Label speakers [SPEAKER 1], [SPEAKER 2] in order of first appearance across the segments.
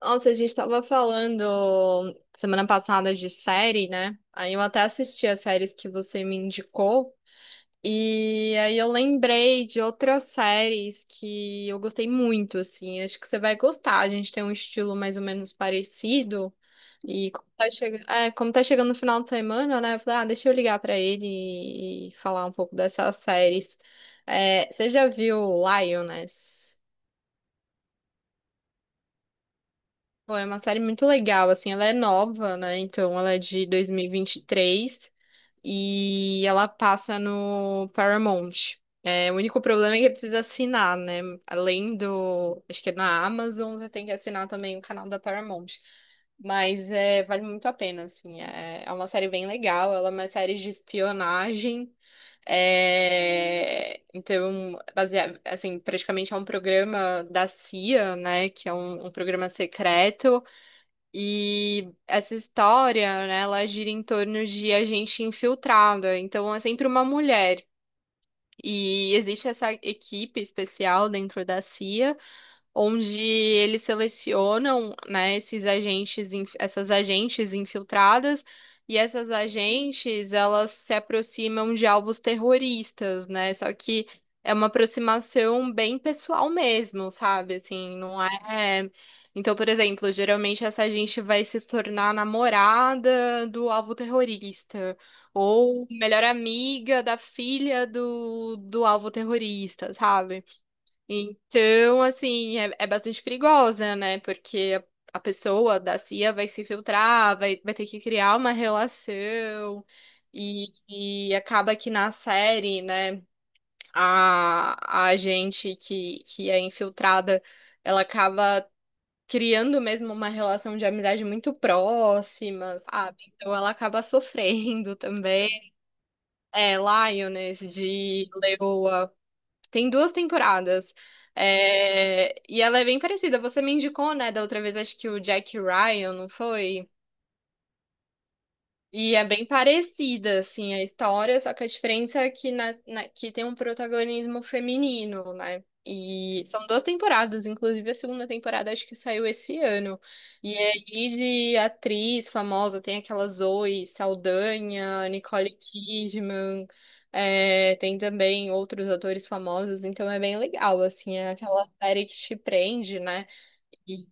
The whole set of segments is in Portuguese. [SPEAKER 1] Nossa, a gente tava falando semana passada de série, né? Aí eu até assisti as séries que você me indicou. E aí eu lembrei de outras séries que eu gostei muito, assim. Acho que você vai gostar. A gente tem um estilo mais ou menos parecido. E como tá chegando no final de semana, né? Eu falei, ah, deixa eu ligar pra ele e falar um pouco dessas séries. É, você já viu Lioness? Pô, é uma série muito legal, assim, ela é nova, né? Então ela é de dois mil e vinte e três e ela passa no Paramount. É, o único problema é que precisa assinar, né? Além do, acho que é na Amazon, você tem que assinar também o canal da Paramount. Mas é, vale muito a pena, assim. É uma série bem legal, ela é uma série de espionagem. É, então, baseado, assim, praticamente é um programa da CIA, né? Que é um programa secreto. E essa história, né, ela gira em torno de a gente infiltrada, então é sempre uma mulher. E existe essa equipe especial dentro da CIA onde eles selecionam, né, esses agentes, essas agentes infiltradas, e essas agentes, elas se aproximam de alvos terroristas, né? Só que é uma aproximação bem pessoal mesmo, sabe? Assim, não é. Então, por exemplo, geralmente essa gente vai se tornar namorada do alvo terrorista. Ou melhor amiga da filha do alvo terrorista, sabe? Então, assim, é bastante perigosa, né? Porque a pessoa da CIA vai se filtrar, vai ter que criar uma relação. E, e acaba que na série, né, a gente que é infiltrada, ela acaba criando mesmo uma relação de amizade muito próxima, sabe? Então ela acaba sofrendo também. É, Lioness de Leoa. Tem duas temporadas. E ela é bem parecida. Você me indicou, né, da outra vez, acho que o Jack Ryan, não foi? E é bem parecida, assim, a história, só que a diferença é que, que tem um protagonismo feminino, né? E são duas temporadas, inclusive a segunda temporada acho que saiu esse ano. E aí de atriz famosa tem aquela Zoe Saldanha, Nicole Kidman, é, tem também outros atores famosos, então é bem legal, assim, é aquela série que te prende, né? E,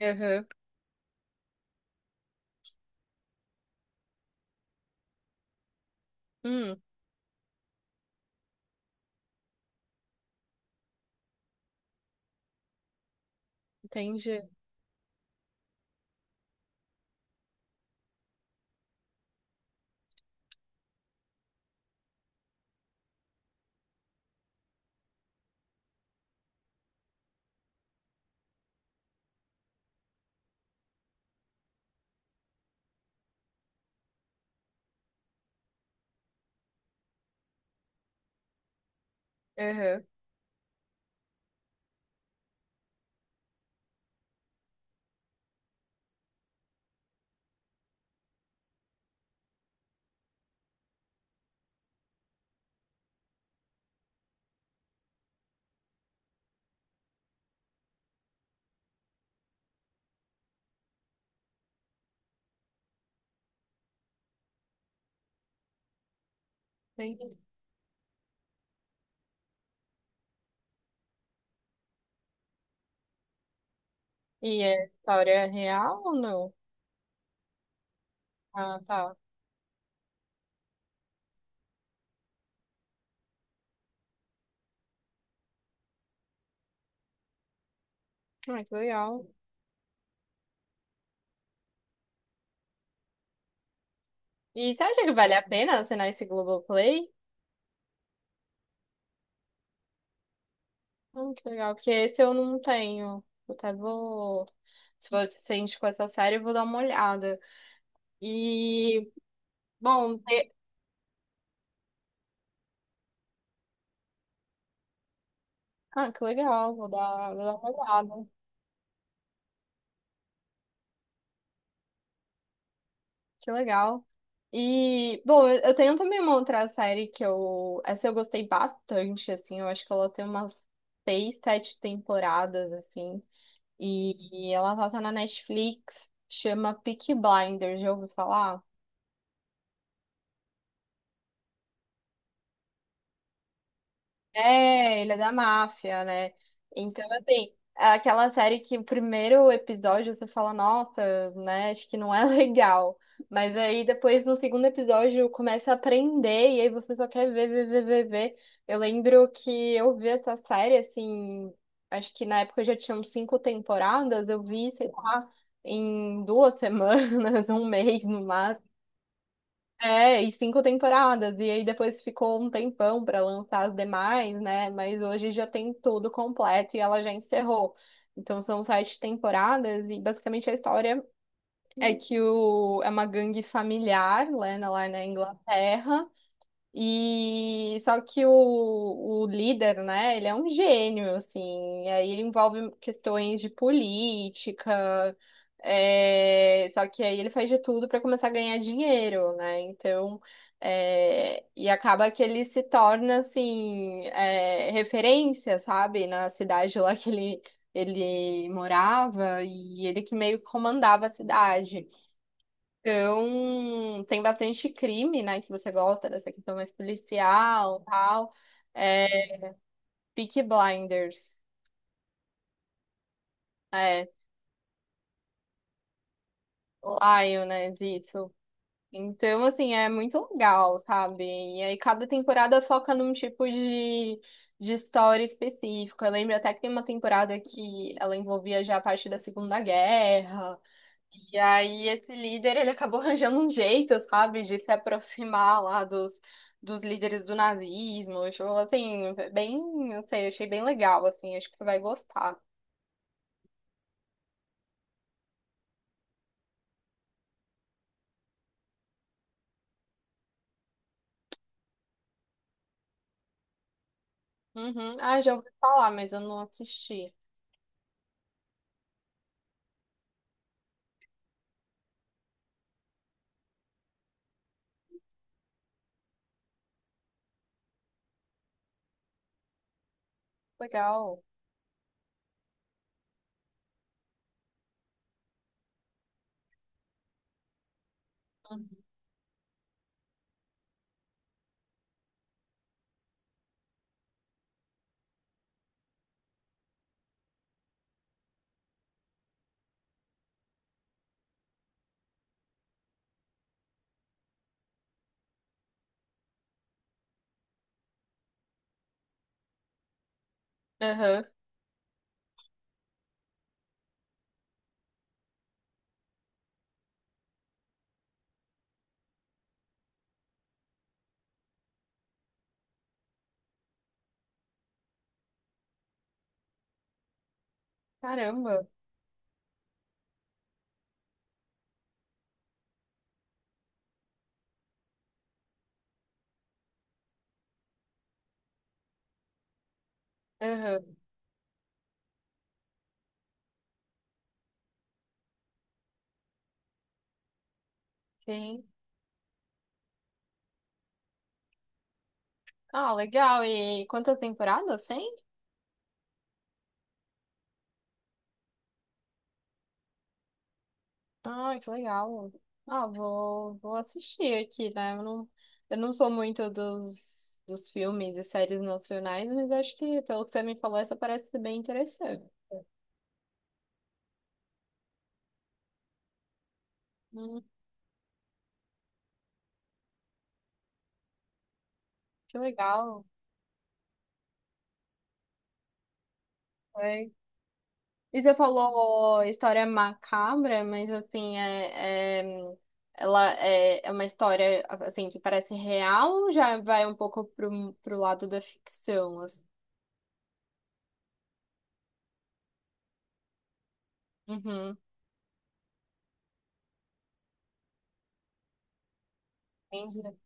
[SPEAKER 1] aham, hum, entendi, aham, entendi. E a história é real ou não? Ah, tá. Ah, que legal. E você acha que vale a pena assinar esse Globoplay? Ah, que legal, porque esse eu não tenho. Eu até vou. Se você indicou essa série, eu vou dar uma olhada. E, bom, ah, que legal, vou dar uma olhada. Que legal. E, bom, eu tenho também uma outra série que eu. Essa eu gostei bastante, assim. Eu acho que ela tem umas seis, sete temporadas, assim. E ela solta na Netflix, chama Peaky Blinders, já ouviu falar? É, ele é da máfia, né? Então, assim, é aquela série que o primeiro episódio você fala, nossa, né, acho que não é legal. Mas aí depois no segundo episódio começa a aprender e aí você só quer ver, ver, ver, ver, ver. Eu lembro que eu vi essa série, assim, acho que na época já tinham cinco temporadas, eu vi, sei lá, em 2 semanas, um mês no máximo. É, e cinco temporadas. E aí depois ficou um tempão para lançar as demais, né? Mas hoje já tem tudo completo e ela já encerrou. Então são sete temporadas e basicamente a história é uma gangue familiar, né, lá na Inglaterra. E só que o líder, né, ele é um gênio, assim, e aí ele envolve questões de política, é, só que aí ele faz de tudo para começar a ganhar dinheiro, né? Então, é, e acaba que ele se torna assim, é, referência, sabe, na cidade lá que ele morava, e ele que meio que comandava a cidade. Então, tem bastante crime, né, que você gosta dessa questão mais policial, tal. É, Peaky Blinders, é, *lion*, né, disso. Então, assim, é muito legal, sabe? E aí cada temporada foca num tipo de história específica. Eu lembro até que tem uma temporada que ela envolvia já a parte da Segunda Guerra. E aí esse líder, ele acabou arranjando um jeito, sabe, de se aproximar lá dos líderes do nazismo. Tipo, assim, bem, não sei, achei bem legal, assim, acho que você vai gostar. Uhum. Ah, já ouvi falar, mas eu não assisti. Legal. Uhum. Aham. Caramba. Aham. Sim. Ah, legal. E quantas temporadas tem? Ai, que legal. Ah, vou assistir aqui, né? Eu não sou muito dos filmes e séries nacionais, mas acho que, pelo que você me falou, essa parece ser bem interessante. Hum, que legal. É. E você falou história macabra, mas assim, é, ela é uma história assim que parece real ou já vai um pouco pro lado da ficção, assim? Uhum. Entendi.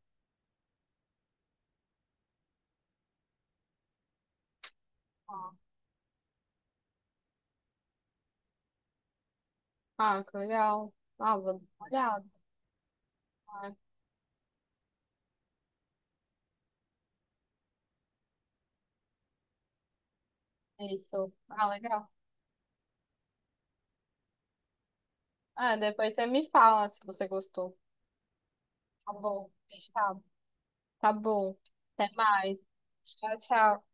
[SPEAKER 1] Ah, que legal. Ah, vou dar uma olhada. Né? Isso. Ah, legal. Ah, depois você me fala se você gostou. Tá bom. Fechado. Tá bom. Até mais. Tchau, tchau.